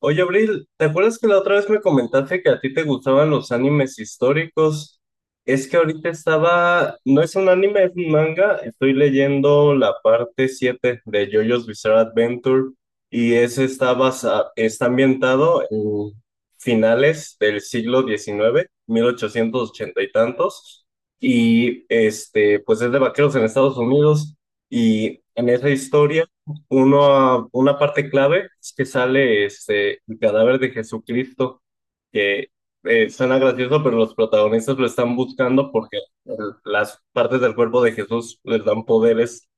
Oye, Abril, ¿te acuerdas que la otra vez me comentaste que a ti te gustaban los animes históricos? Es que ahorita no es un anime, es un manga, estoy leyendo la parte 7 de JoJo's Bizarre Adventure y ese está ambientado en finales del siglo XIX, 1880 y tantos, y pues es de vaqueros en Estados Unidos y en esa historia una parte clave es que sale el cadáver de Jesucristo, que suena gracioso, pero los protagonistas lo están buscando porque las partes del cuerpo de Jesús les dan poderes.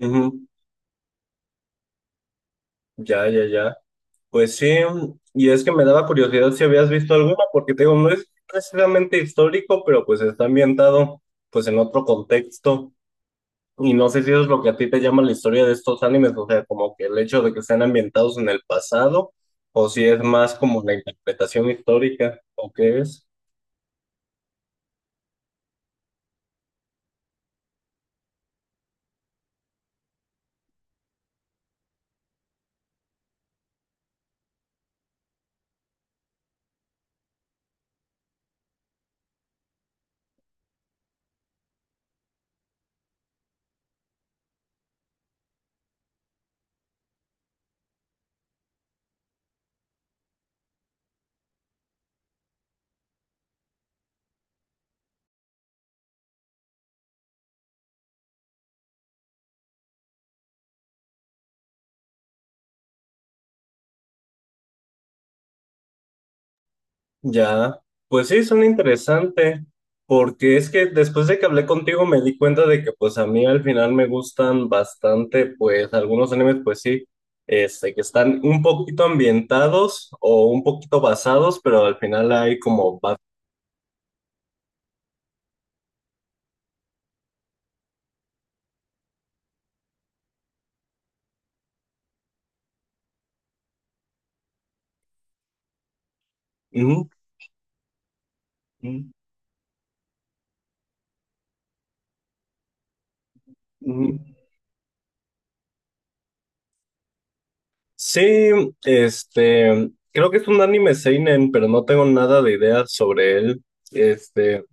Ujú. Ya, ya, ya. Pues sí, y es que me daba curiosidad si habías visto alguna, porque te digo, no es precisamente histórico, pero pues está ambientado pues en otro contexto. Y no sé si eso es lo que a ti te llama la historia de estos animes, o sea, como que el hecho de que estén ambientados en el pasado, o si es más como la interpretación histórica, o qué es. Ya, pues sí, son interesante, porque es que después de que hablé contigo me di cuenta de que pues a mí al final me gustan bastante, pues algunos animes, pues sí, que están un poquito ambientados o un poquito basados, pero al final hay como. Ujú, ujú, ujú. Sí, creo que es un anime seinen, pero no tengo nada de idea sobre él. Este,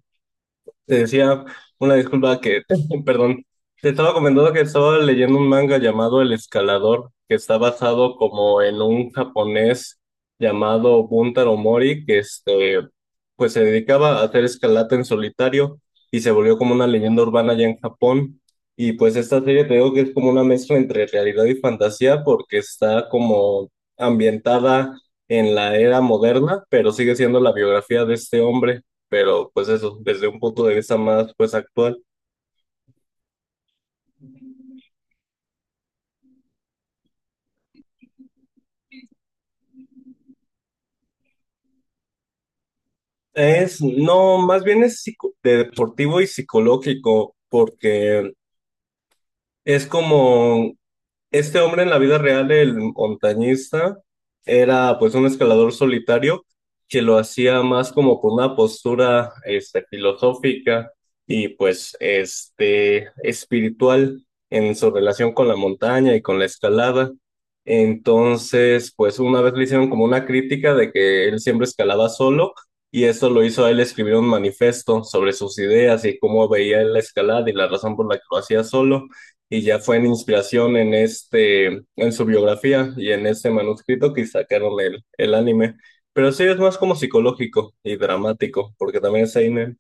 Te decía una disculpa que, perdón, te estaba comentando que estaba leyendo un manga llamado El Escalador, que está basado como en un japonés llamado Buntaro Mori, pues se dedicaba a hacer escalada en solitario y se volvió como una leyenda urbana allá en Japón. Y pues esta serie te digo que es como una mezcla entre realidad y fantasía porque está como ambientada en la era moderna, pero sigue siendo la biografía de este hombre, pero pues eso, desde un punto de vista más pues actual. Es, no, más bien es de deportivo y psicológico, porque es como este hombre en la vida real, el montañista, era pues un escalador solitario que lo hacía más como con una postura filosófica y pues espiritual en su relación con la montaña y con la escalada. Entonces, pues una vez le hicieron como una crítica de que él siempre escalaba solo y eso lo hizo a él escribir un manifiesto sobre sus ideas y cómo veía él la escalada y la razón por la que lo hacía solo y ya fue en inspiración en en su biografía y en este manuscrito que sacaron el anime. Pero sí es más como psicológico y dramático, porque también es Seinen.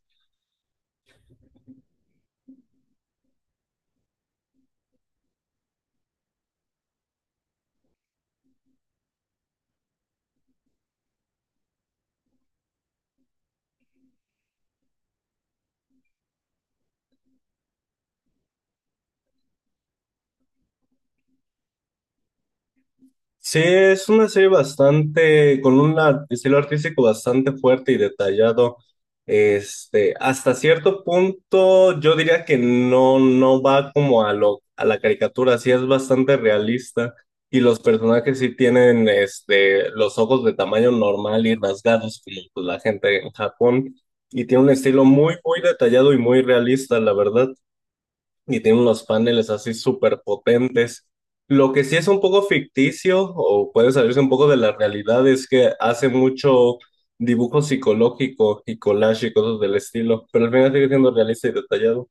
Sí, es una serie bastante, con un estilo artístico bastante fuerte y detallado. Hasta cierto punto, yo diría que no, no va como a la caricatura, sí es bastante realista. Y los personajes sí tienen los ojos de tamaño normal y rasgados, como pues, la gente en Japón. Y tiene un estilo muy, muy detallado y muy realista, la verdad, y tiene unos paneles así súper potentes. Lo que sí es un poco ficticio o puede salirse un poco de la realidad es que hace mucho dibujo psicológico y collage y cosas del estilo, pero al final sigue siendo realista y detallado.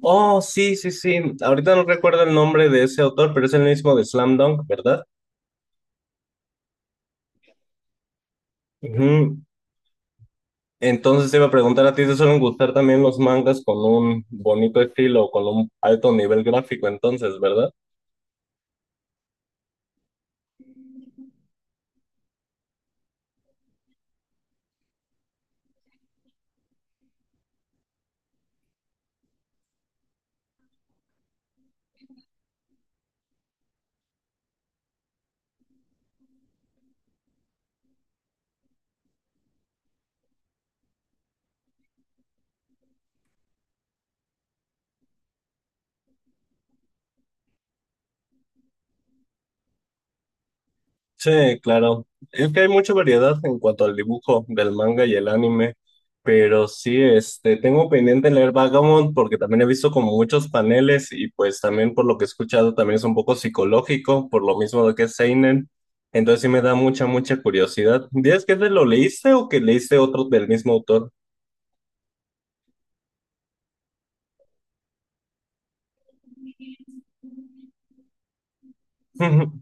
Oh, sí, sí, sí. Ahorita no recuerdo el nombre de ese autor, pero es el mismo de Slam Dunk, ¿verdad? Ujú. Entonces te iba a preguntar a ti, ¿te suelen gustar también los mangas con un bonito estilo, o con un alto nivel gráfico, entonces, ¿verdad? Sí, claro. Es que hay mucha variedad en cuanto al dibujo del manga y el anime, pero sí, tengo pendiente leer Vagabond porque también he visto como muchos paneles y pues también por lo que he escuchado también es un poco psicológico, por lo mismo de que es seinen. Entonces sí me da mucha, mucha curiosidad. ¿Dices que te lo leíste o que leíste otro del mismo autor?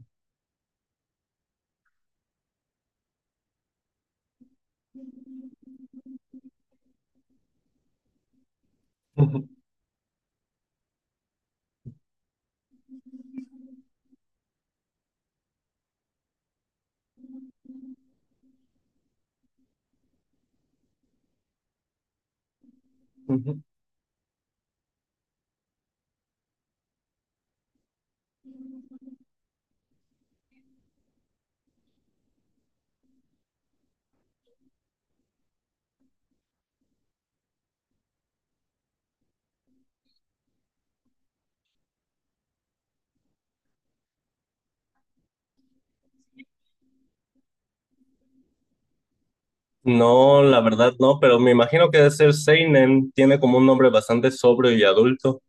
No, la verdad no, pero me imagino que debe ser seinen, tiene como un nombre bastante sobrio y adulto,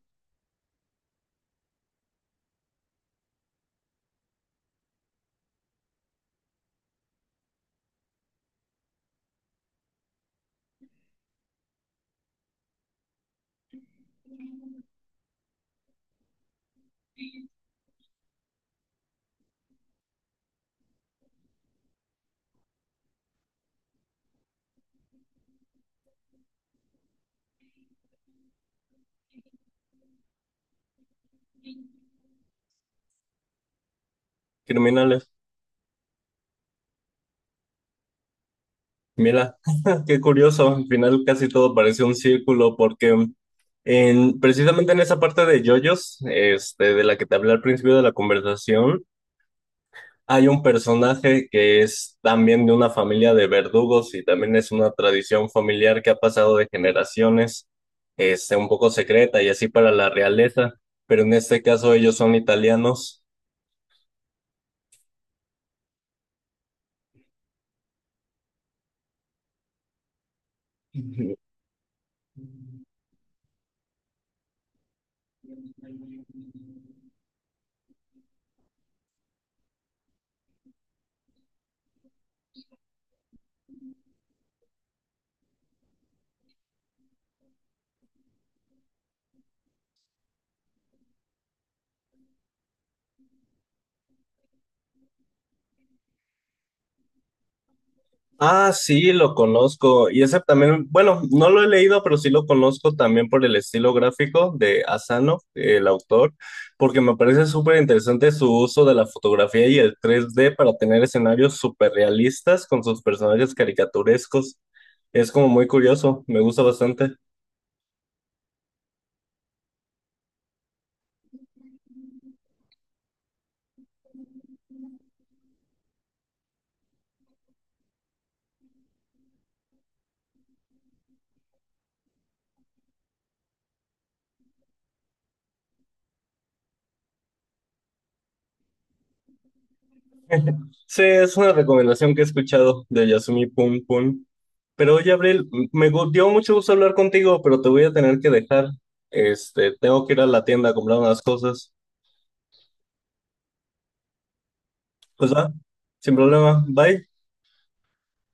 criminales. Mira, qué curioso, al final casi todo parece un círculo porque precisamente en esa parte de JoJo's, de la que te hablé al principio de la conversación, hay un personaje que es también de una familia de verdugos y también es una tradición familiar que ha pasado de generaciones, un poco secreta y así para la realeza, pero en este caso ellos son italianos. Ah, sí, lo conozco. Y ese también, bueno, no lo he leído, pero sí lo conozco también por el estilo gráfico de Asano, el autor, porque me parece súper interesante su uso de la fotografía y el 3D para tener escenarios súper realistas con sus personajes caricaturescos. Es como muy curioso, me gusta bastante. Sí, es una recomendación que he escuchado de Yasumi Pum Pum. Pero oye, Abril, dio mucho gusto hablar contigo, pero te voy a tener que dejar. Tengo que ir a la tienda a comprar unas cosas. Pues va, sin problema. Bye.